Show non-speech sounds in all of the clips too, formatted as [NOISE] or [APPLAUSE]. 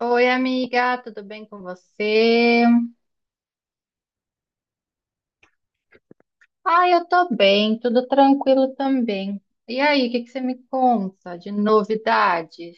Oi, amiga, tudo bem com você? Ah, eu tô bem, tudo tranquilo também. E aí, o que que você me conta de novidades?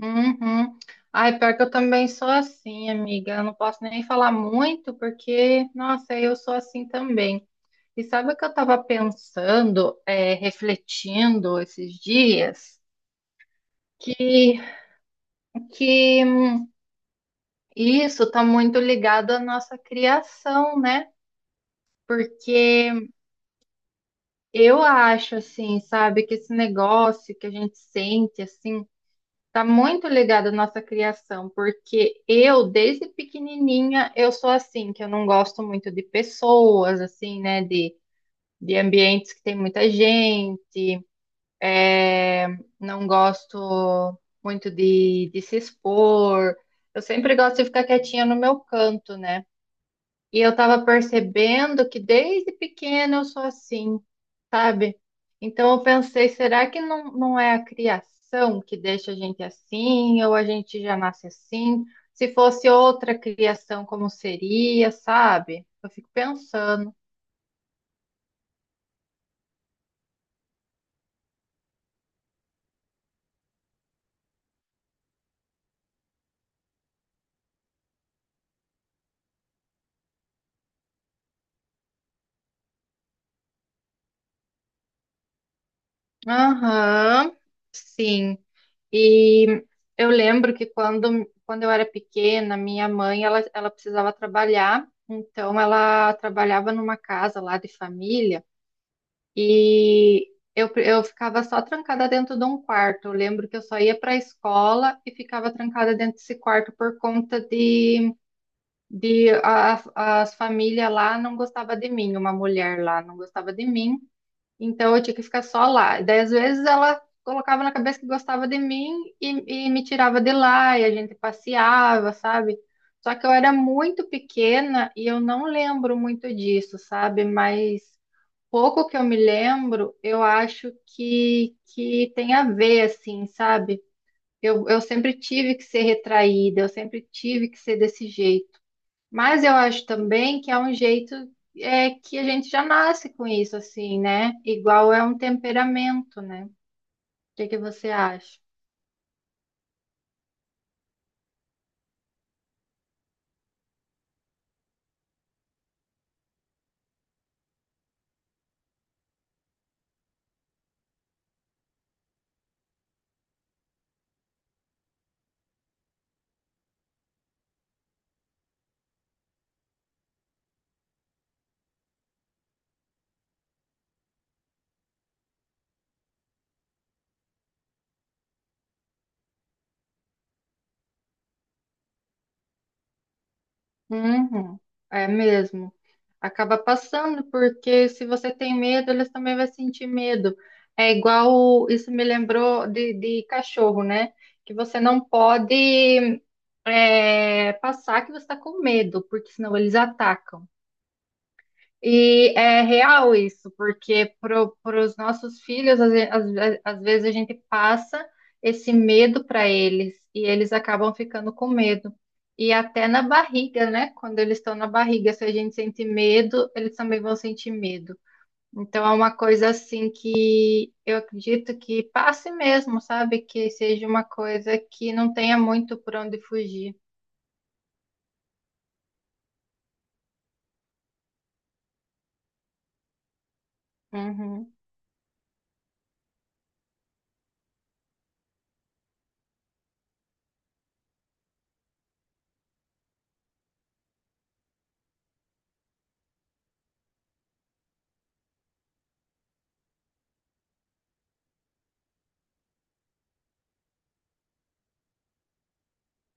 Uhum. Ai, pior que eu também sou assim, amiga. Eu não posso nem falar muito, porque, nossa, eu sou assim também. E sabe o que eu tava pensando, refletindo esses dias? Que, que isso tá muito ligado à nossa criação, né? Porque eu acho, assim, sabe, que esse negócio que a gente sente, assim, tá muito ligado à nossa criação, porque eu, desde pequenininha, eu sou assim, que eu não gosto muito de pessoas, assim, né, de ambientes que tem muita gente, é, não gosto muito de se expor, eu sempre gosto de ficar quietinha no meu canto, né? E eu tava percebendo que desde pequena eu sou assim, sabe? Então eu pensei, será que não é a criação que deixa a gente assim, ou a gente já nasce assim? Se fosse outra criação, como seria, sabe? Eu fico pensando. Aham, sim. E eu lembro que quando eu era pequena, minha mãe, ela precisava trabalhar, então ela trabalhava numa casa lá de família. E eu ficava só trancada dentro de um quarto. Eu lembro que eu só ia para a escola e ficava trancada dentro desse quarto por conta de, de a- as famílias lá não gostava de mim, uma mulher lá não gostava de mim, então eu tinha que ficar só lá. E daí, às vezes, ela colocava na cabeça que gostava de mim e me tirava de lá, e a gente passeava, sabe? Só que eu era muito pequena e eu não lembro muito disso, sabe? Mas. Pouco que eu me lembro, eu acho que tem a ver, assim, sabe? Eu sempre tive que ser retraída, eu sempre tive que ser desse jeito. Mas eu acho também que é um jeito que a gente já nasce com isso, assim, né? Igual é um temperamento, né? O que que você acha? Uhum, é mesmo. Acaba passando, porque se você tem medo, eles também vão sentir medo. É igual, isso me lembrou de cachorro, né? Que você não pode, passar que você está com medo, porque senão eles atacam. E é real isso, porque para os nossos filhos, às vezes a gente passa esse medo para eles e eles acabam ficando com medo. E até na barriga, né? Quando eles estão na barriga, se a gente sente medo, eles também vão sentir medo. Então é uma coisa assim que eu acredito que passe mesmo, sabe? Que seja uma coisa que não tenha muito por onde fugir. Uhum.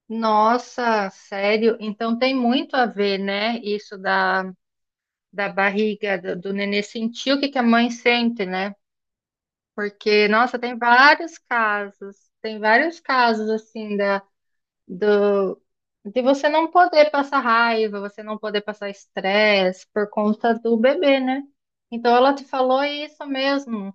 Nossa, sério? Então tem muito a ver, né? Isso da, da barriga do nenê sentir o que que a mãe sente, né? Porque, nossa, tem vários casos assim da do de você não poder passar raiva, você não poder passar estresse por conta do bebê, né? Então ela te falou isso mesmo.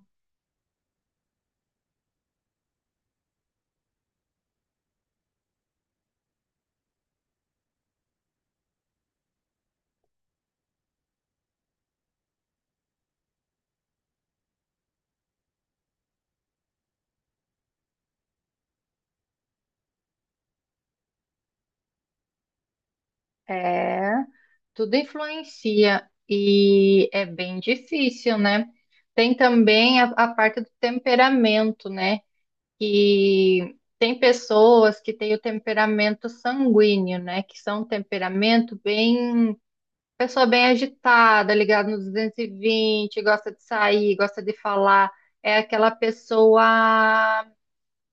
É. Tudo influencia e é bem difícil, né? Tem também a parte do temperamento, né? Que tem pessoas que têm o temperamento sanguíneo, né? Que são um temperamento bem, pessoa bem agitada, ligada no 220, gosta de sair, gosta de falar. É aquela pessoa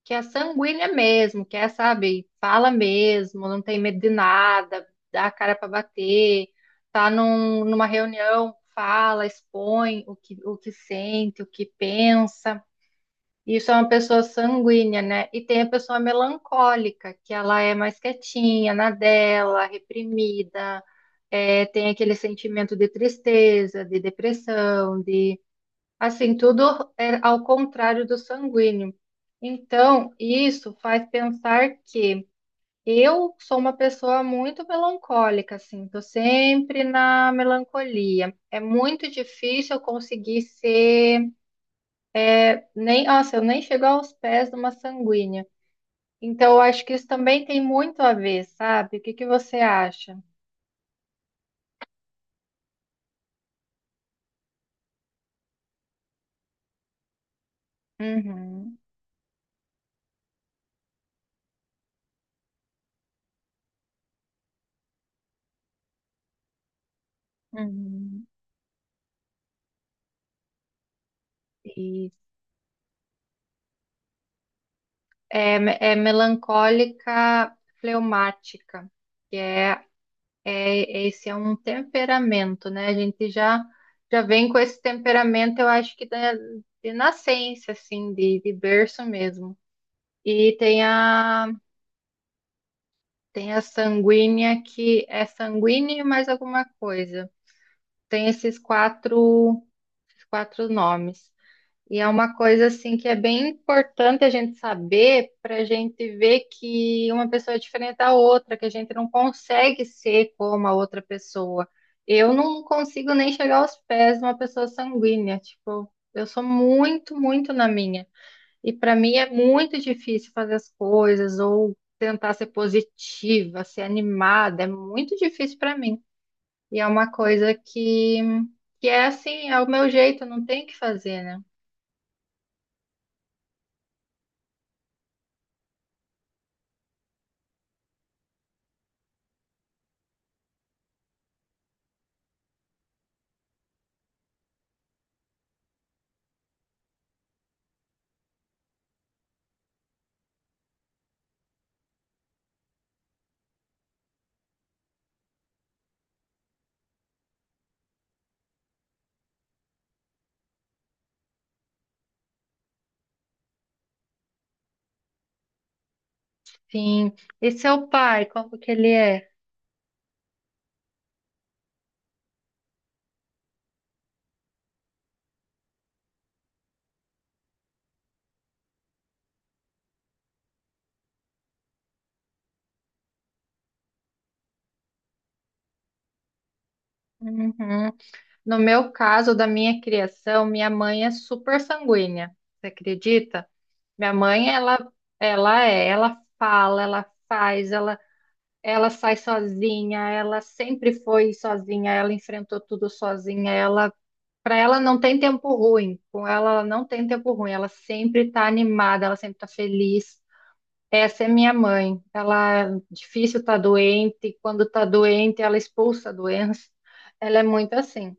que é sanguínea mesmo, que é, sabe, fala mesmo, não tem medo de nada, dá a cara para bater, tá numa reunião, fala, expõe o o que sente, o que pensa. Isso é uma pessoa sanguínea, né? E tem a pessoa melancólica, que ela é mais quietinha, na dela, reprimida, tem aquele sentimento de tristeza, de depressão, de assim, tudo é ao contrário do sanguíneo. Então, isso faz pensar que eu sou uma pessoa muito melancólica, assim, tô sempre na melancolia. É muito difícil eu conseguir ser, nem, nossa, eu nem chego aos pés de uma sanguínea. Então, eu acho que isso também tem muito a ver, sabe? O que que você acha? Uhum. Uhum. Isso. É melancólica, fleumática, que é, é, esse é um temperamento, né? A gente já vem com esse temperamento, eu acho que da, de nascença, assim, de berço mesmo. E tem a, tem a sanguínea que é sanguínea e mais alguma coisa. Tem esses quatro, esses quatro nomes. E é uma coisa assim que é bem importante a gente saber para a gente ver que uma pessoa é diferente da outra, que a gente não consegue ser como a outra pessoa. Eu não consigo nem chegar aos pés de uma pessoa sanguínea, tipo, eu sou muito, muito na minha. E para mim é muito difícil fazer as coisas ou tentar ser positiva, ser animada, é muito difícil para mim. E é uma coisa que é assim, é o meu jeito, não tem o que fazer, né? Sim. E seu pai, como que ele é? Uhum. No meu caso, da minha criação, minha mãe é super sanguínea. Você acredita? Minha mãe, ela é, ela fala, ela faz, ela sai sozinha, ela sempre foi sozinha, ela enfrentou tudo sozinha, ela, para ela não tem tempo ruim. Com ela, ela não tem tempo ruim. Ela sempre tá animada, ela sempre tá feliz. Essa é minha mãe. Ela é difícil tá doente, quando tá doente, ela expulsa a doença. Ela é muito assim,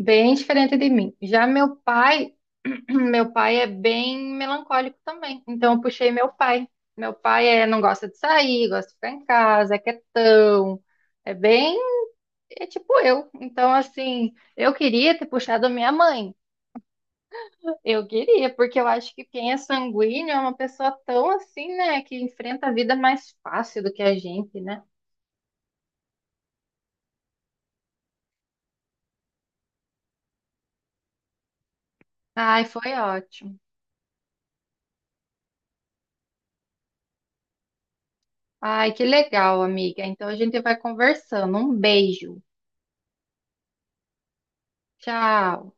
bem diferente de mim. Já meu pai, [CLEARS THROAT] meu pai é bem melancólico também. Então eu puxei meu pai. Meu pai é, não gosta de sair, gosta de ficar em casa, é quietão. É bem, é tipo eu. Então assim, eu queria ter puxado a minha mãe. Eu queria, porque eu acho que quem é sanguíneo é uma pessoa tão assim, né, que enfrenta a vida mais fácil do que a gente, né? Ai, foi ótimo. Ai, que legal, amiga. Então a gente vai conversando. Um beijo. Tchau.